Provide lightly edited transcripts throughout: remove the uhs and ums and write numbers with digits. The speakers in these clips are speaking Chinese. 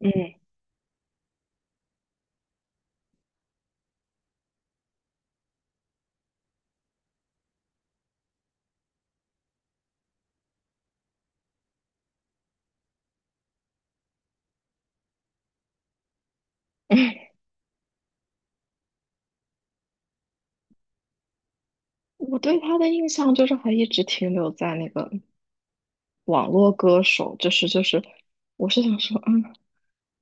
嗯，我对他的印象就是还一直停留在那个网络歌手，就是，我是想说，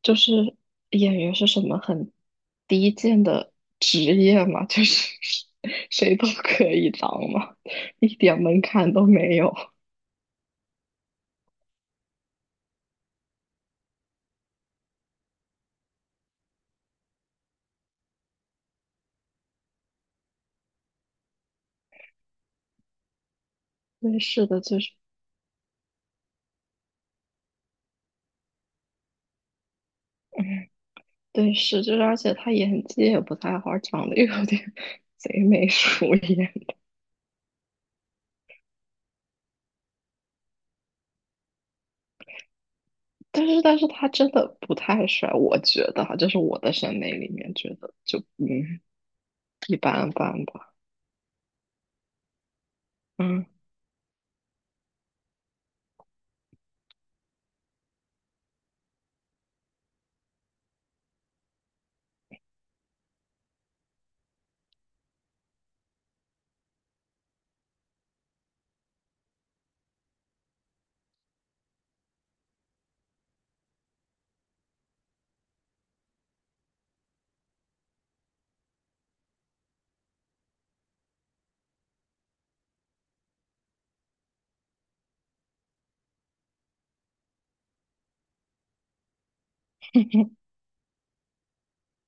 就是演员是什么很低贱的职业嘛，就是 谁都可以当嘛，一点门槛都没有。对，是的，嗯，对，就是，而且他演技也不太好，长得又有点 贼眉鼠眼。但是他真的不太帅，我觉得哈，就是我的审美里面觉得就一般般吧，嗯，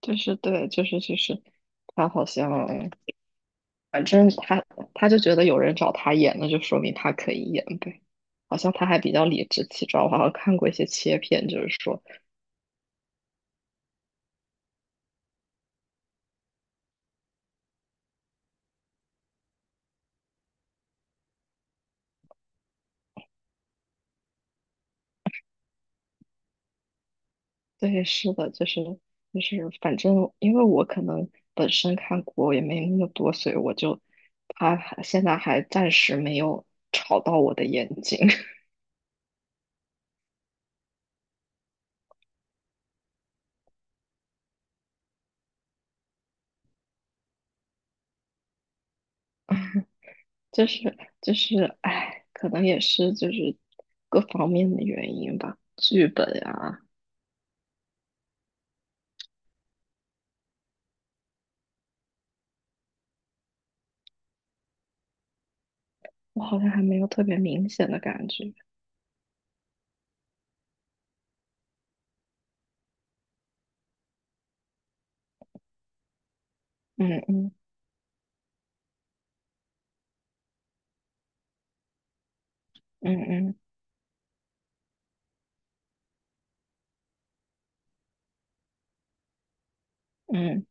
就是对，他好像反正他就觉得有人找他演，那就说明他可以演呗。好像他还比较理直气壮，我好像看过一些切片，就是说，对，是的，反正因为我可能本身看过也没那么多，所以他还现在还暂时没有吵到我的眼睛。哎，可能也是就是各方面的原因吧。剧本啊，我好像还没有特别明显的感觉。嗯嗯嗯嗯嗯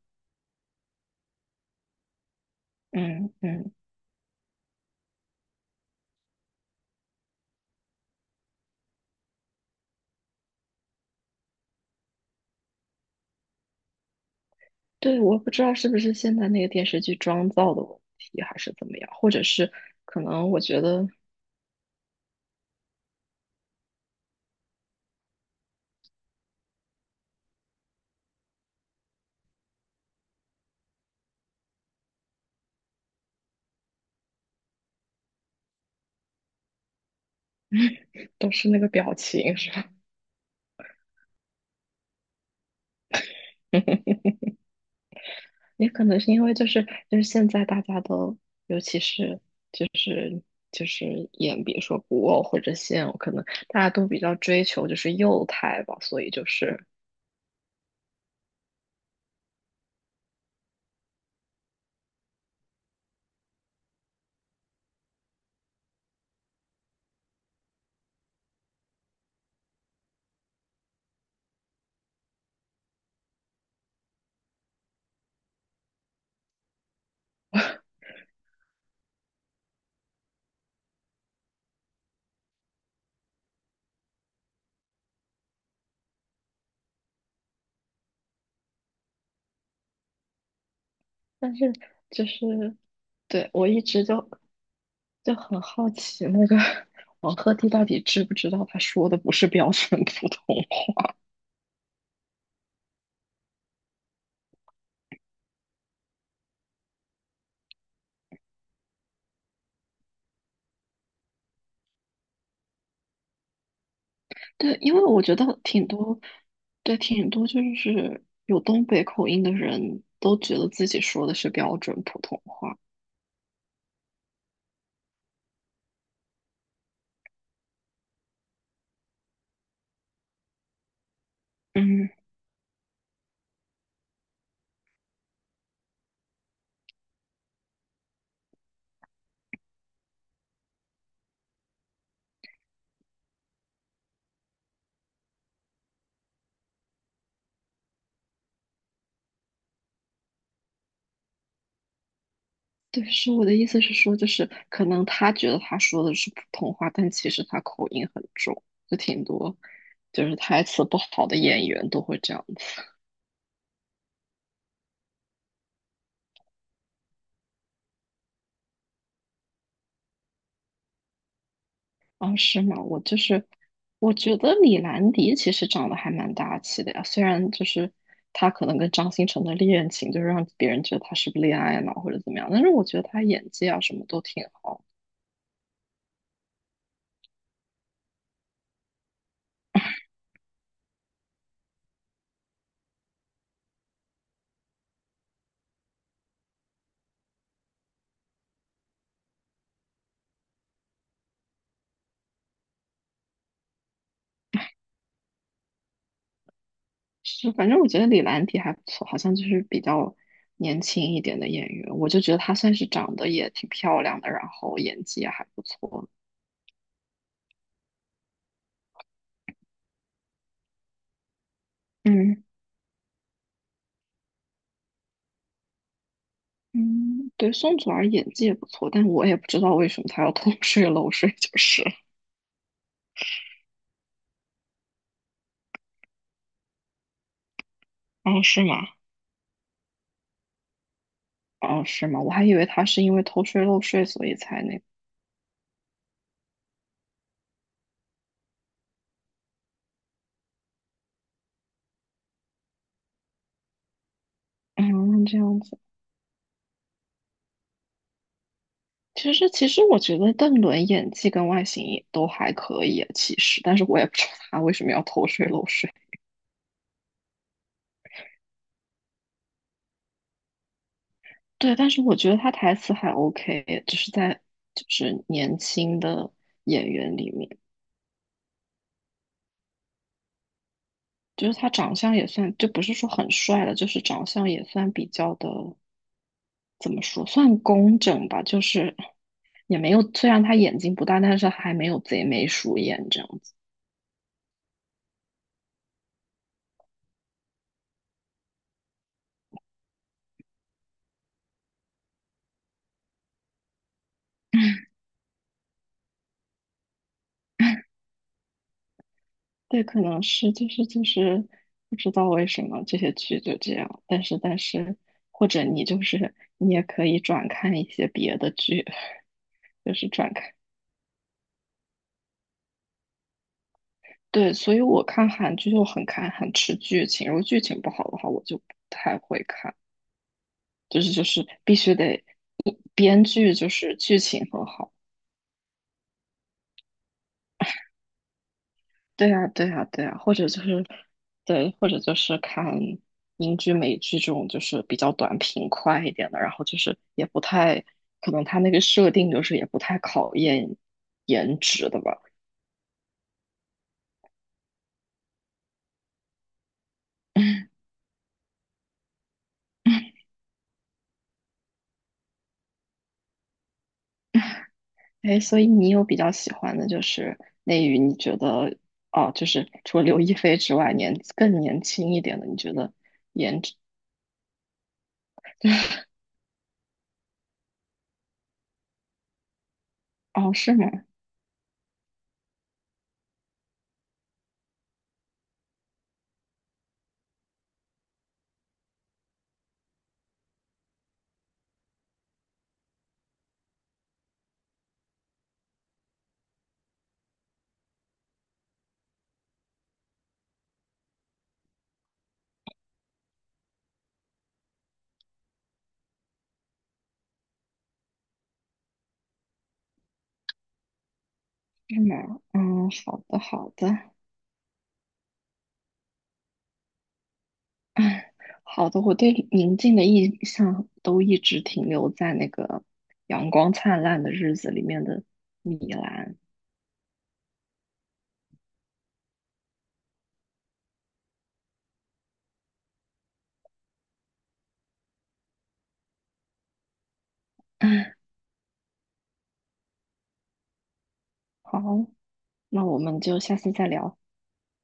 嗯，对，我不知道是不是现在那个电视剧妆造的问题，还是怎么样，或者是可能我觉得都是那个表情，是吧？也可能是因为现在大家都，尤其是就是就是演比如说古偶或者现偶，可能大家都比较追求就是幼态吧，所以就是，但是就是对我一直很好奇那个 王鹤棣到底知不知道他说的不是标准普通话？对，因为我觉得挺多，对挺多就是有东北口音的人都觉得自己说的是标准普通话。嗯，对，是我的意思是说，就是可能他觉得他说的是普通话，但其实他口音很重，就挺多，就是台词不好的演员都会这样子。啊，是吗？我就是，我觉得李兰迪其实长得还蛮大气的呀，虽然就是他可能跟张新成的恋情，就是让别人觉得他是不是恋爱脑或者怎么样，但是我觉得他演技啊什么都挺好。是，反正我觉得李兰迪还不错，好像就是比较年轻一点的演员，我就觉得她算是长得也挺漂亮的，然后演技也还不错。嗯嗯，对，宋祖儿演技也不错，但我也不知道为什么她要偷税漏税，就是。哦，是吗？哦，是吗？我还以为她是因为偷税漏税所以才那个。嗯，这样子。其实我觉得邓伦演技跟外形也都还可以啊，其实，但是我也不知道他为什么要偷税漏税。对，但是我觉得他台词还 OK,就是在就是年轻的演员里面，就是他长相也算，就不是说很帅了，就是长相也算比较的，怎么说，算工整吧，就是也没有，虽然他眼睛不大，但是还没有贼眉鼠眼这样子。对，可能是不知道为什么这些剧就这样，但是或者你就是你也可以转看一些别的剧，就是转看。对，所以我看韩剧就很看很吃剧情，如果剧情不好的话，我就不太会看。就是必须得编剧就是剧情很好。对呀，对呀，对呀，或者就是对，或者就是看英剧、美剧这种就是比较短平快一点的，然后就是也不太可能他那个设定就是也不太考验颜值的吧。哎，所以你有比较喜欢的就是内娱，你觉得哦，就是除了刘亦菲之外，年更年轻一点的，你觉得颜值哦，是吗？是吗？嗯，好的，好的，哎，好的，我对宁静的印象都一直停留在那个《阳光灿烂的日子》里面的米兰。哎，好，那我们就下次再聊。